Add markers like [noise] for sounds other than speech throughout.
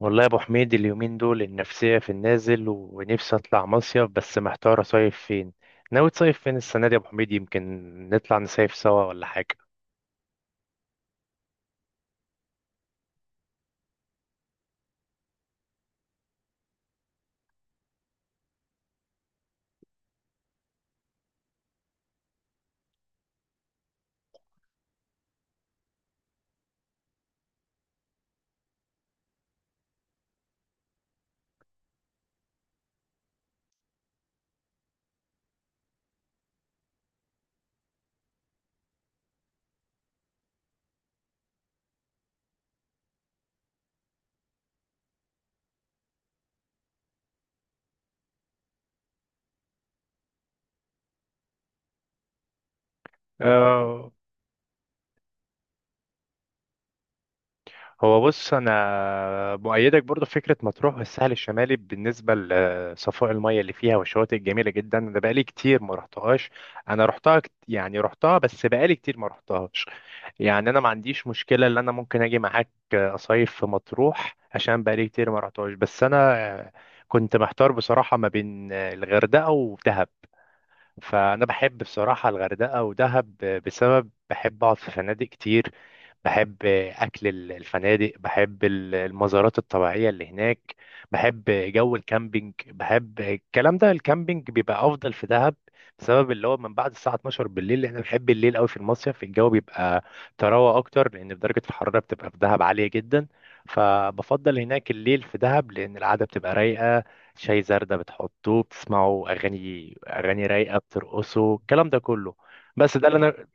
والله يا ابو حميد اليومين دول النفسيه في النازل ونفسي اطلع مصيف، بس محتار اصيف فين. ناوي تصيف فين السنه دي يا ابو حميد؟ يمكن نطلع نصيف سوا ولا حاجه؟ آه، هو بص، انا مؤيدك برضو في فكره مطروح والساحل الشمالي بالنسبه لصفاء المياه اللي فيها والشواطئ الجميله جدا. انا بقالي كتير ما رحتهاش. انا رحتها رحتها بس بقالي كتير ما رحتهاش. يعني انا ما عنديش مشكله ان انا ممكن اجي معاك اصيف في مطروح عشان بقالي كتير ما رحتهاش. بس انا كنت محتار بصراحه ما بين الغردقه ودهب. فأنا بحب بصراحة الغردقة ودهب، بسبب بحب أقعد في فنادق كتير، بحب أكل الفنادق، بحب المزارات الطبيعية اللي هناك، بحب جو الكامبينج. بحب الكلام ده. الكامبينج بيبقى أفضل في دهب، بسبب اللي هو من بعد الساعة 12 بالليل، لأن أنا بحب الليل أوي في المصيف. الجو بيبقى تروى أكتر، لأن درجة الحرارة بتبقى في دهب عالية جدا، فبفضل هناك الليل في دهب لأن القعدة بتبقى رايقة. شاي زردة بتحطوه، بتسمعوا أغاني، أغاني رايقة، بترقصوا، الكلام ده كله. بس ده اللي أنا.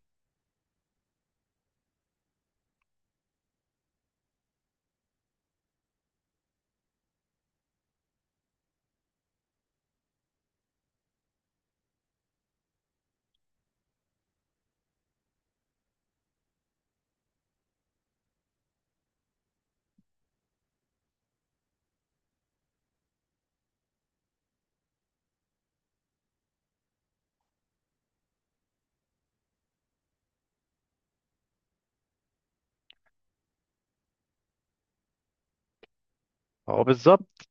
هو بالظبط.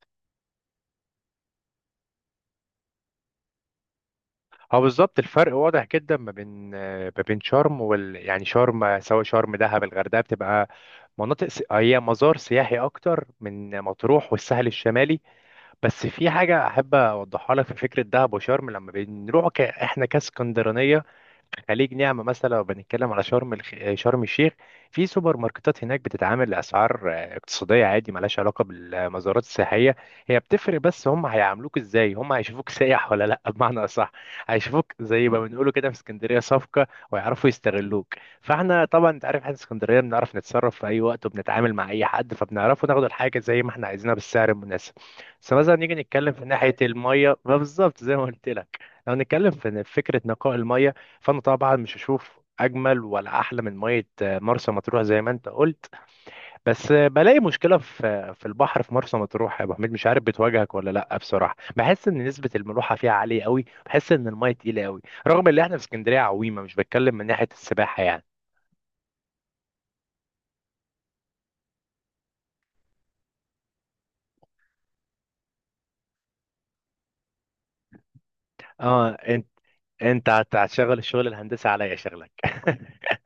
هو بالظبط الفرق واضح جدا ما بين، ما بين شرم وال، يعني شرم، سواء شرم، دهب، الغردقة، بتبقى مناطق هي مزار سياحي أكتر من مطروح والساحل الشمالي. بس في حاجة أحب أوضحها لك في فكرة دهب وشرم. لما بنروح إحنا كاسكندرانية، خليج نعمة مثلا، لو بنتكلم على شرم شرم الشيخ، في سوبر ماركتات هناك بتتعامل لأسعار اقتصادية عادي، ملهاش علاقة بالمزارات السياحية. هي بتفرق، بس هم هيعاملوك ازاي، هم هيشوفوك [laughs] سايح ولا لا، بمعنى أصح هيشوفوك زي ما بنقوله كده في اسكندرية صفقة، ويعرفوا يستغلوك. فاحنا طبعا انت عارف احنا اسكندرية بنعرف نتصرف في أي وقت، وبنتعامل مع أي حد، فبنعرفه ناخد الحاجة زي ما احنا عايزينها بالسعر المناسب. بس مثلا نيجي نتكلم في ناحية المية، ما بالظبط زي ما قلت لك. لو نتكلم في فكرة نقاء المية، فانا طبعا مش هشوف اجمل ولا احلى من ميه مرسى مطروح زي ما انت قلت. بس بلاقي مشكله في البحر في مرسى مطروح يا ابو حميد، مش عارف بتواجهك ولا لا، بصراحه بحس ان نسبه الملوحه فيها عاليه قوي، بحس ان الميه تقيله قوي، رغم ان احنا في اسكندريه عويمه، مش بتكلم من ناحيه السباحه يعني. اه انت، هتشغل الشغل الهندسي عليا شغلك [laughs]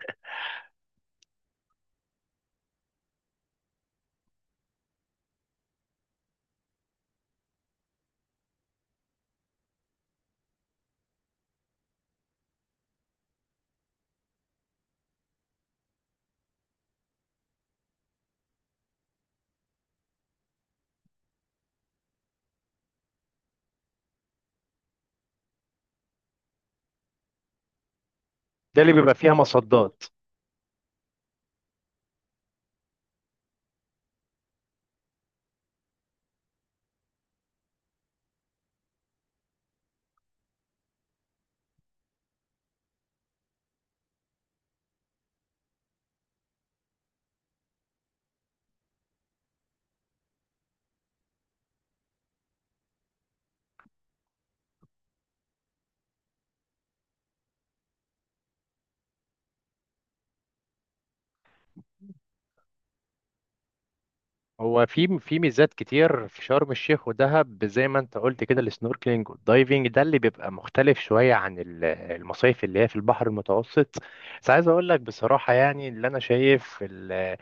ده اللي بيبقى فيها مصدات. هو في في ميزات كتير في شرم الشيخ ودهب زي ما انت قلت كده، السنوركلينج والدايفنج، ده اللي بيبقى مختلف شوية عن المصايف اللي هي في البحر المتوسط. بس عايز اقول لك بصراحة، يعني اللي انا شايف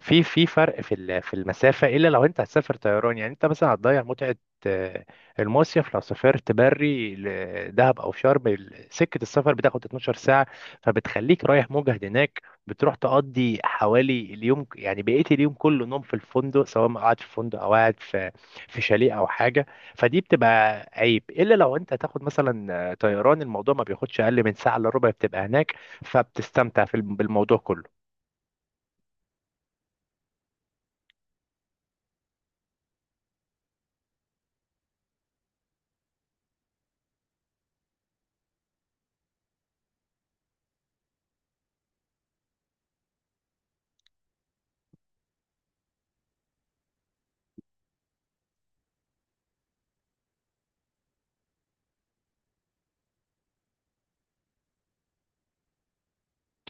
في في فرق في في المسافة، الا لو انت هتسافر طيران. يعني انت مثلا هتضيع متعة آه، المصيف. لو سافرت بري لدهب او شرم، سكة السفر بتاخد 12 ساعة، فبتخليك رايح مجهد هناك، بتروح تقضي حوالي اليوم، يعني بقيت اليوم كله نوم في الفندق، سواء ما قاعد في فندق او قاعد في في شاليه او حاجه. فدي بتبقى عيب، الا لو انت هتاخد مثلا طيران، الموضوع ما بياخدش اقل من ساعه الا ربع بتبقى هناك، فبتستمتع في بالموضوع كله.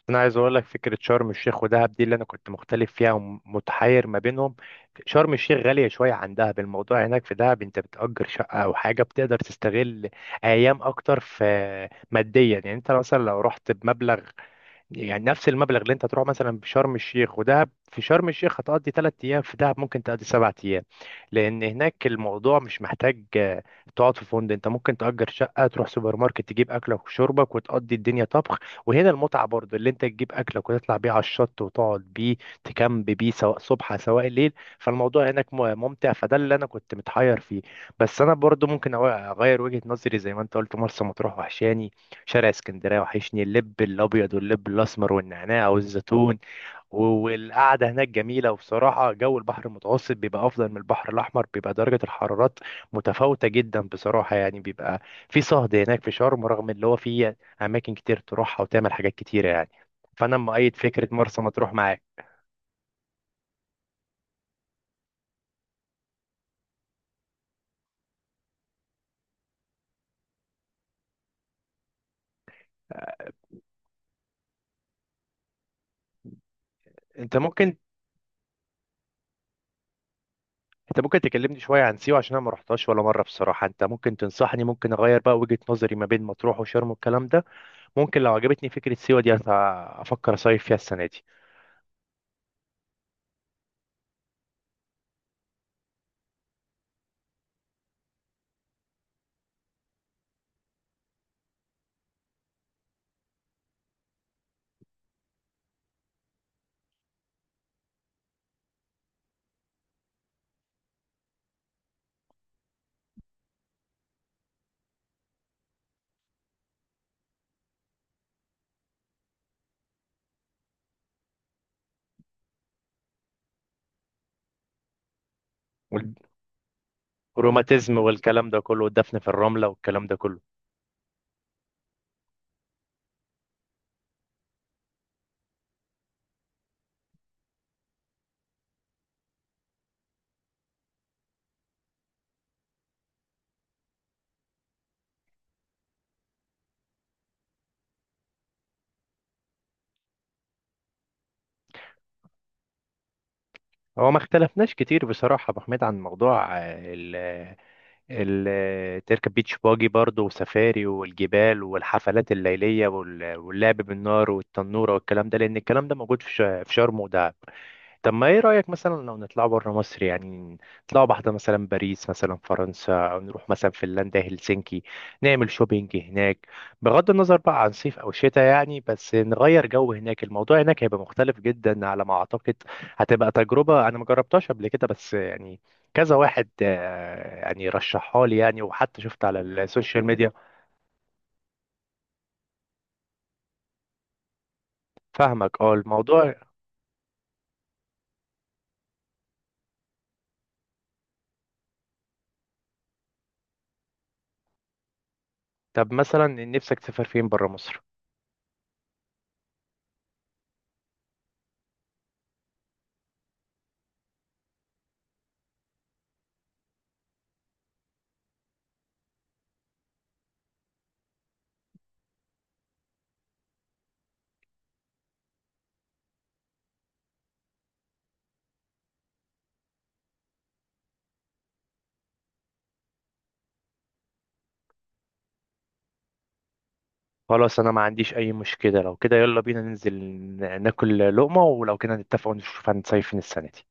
انا عايز اقول لك فكره شرم الشيخ ودهب دي اللي انا كنت مختلف فيها ومتحير ما بينهم. شرم الشيخ غاليه شويه عن دهب، الموضوع هناك في دهب انت بتأجر شقه او حاجه بتقدر تستغل ايام اكتر في، ماديا يعني. انت مثلا لو رحت بمبلغ، يعني نفس المبلغ اللي انت تروح مثلا في شرم الشيخ ودهب، في شرم الشيخ هتقضي 3 ايام، في دهب ممكن تقضي 7 ايام، لان هناك الموضوع مش محتاج تقعد في فندق. انت ممكن تأجر شقة، تروح سوبر ماركت تجيب اكلك وشربك، وتقضي الدنيا طبخ. وهنا المتعة برضو اللي انت تجيب اكلك وتطلع بيه على الشط، وتقعد بيه، تكامب بيه، سواء صبح سواء ليل. فالموضوع هناك ممتع، فده اللي انا كنت متحير فيه. بس انا برضو ممكن اغير وجهة نظري زي ما انت قلت. مرسى مطروح وحشاني، شارع اسكندريه وحشني، اللب الابيض واللب الاسمر والنعناع والزيتون، والقعده هناك جميله. وبصراحه جو البحر المتوسط بيبقى افضل من البحر الاحمر، بيبقى درجه الحرارات متفاوته جدا بصراحه، يعني بيبقى في صهد هناك في شرم، رغم اللي هو فيه اماكن كتير تروحها وتعمل حاجات كتيره يعني. فانا مؤيد فكره مرسى مطروح معاك. انت ممكن انت ممكن تكلمني شويه عن سيوه، عشان انا ما رحتهاش ولا مره بصراحه. انت ممكن تنصحني، ممكن اغير بقى وجهه نظري ما بين مطروح وشرم والكلام ده. ممكن لو عجبتني فكرة سيوة دي أفكر أصيف فيها السنة دي. والروماتيزم والكلام ده كله، والدفن في الرملة والكلام ده كله. هو ما اختلفناش كتير بصراحة يا أبو حميد عن موضوع ال تركب بيتش باجي برضه، وسفاري والجبال والحفلات الليلية واللعب بالنار والتنورة والكلام ده، لأن الكلام ده موجود في في شرم ودهب. طب ما ايه رأيك مثلا لو نطلع بره مصر يعني؟ نطلع واحدة مثلا باريس مثلا، فرنسا، او نروح مثلا فنلندا، هلسنكي، نعمل شوبينج هناك، بغض النظر بقى عن صيف او شتاء يعني، بس نغير جو. هناك الموضوع هناك هيبقى مختلف جدا على ما اعتقد. هتبقى تجربة انا ما جربتهاش قبل كده، بس يعني كذا واحد يعني رشحها لي، يعني وحتى شفت على السوشيال ميديا. فاهمك، اه الموضوع. طب مثلا نفسك تسافر فين بره مصر؟ خلاص انا ما عنديش اي مشكلة، لو كده يلا بينا ننزل ناكل لقمة، ولو كده نتفق ونشوف هنصيف فين السنة دي.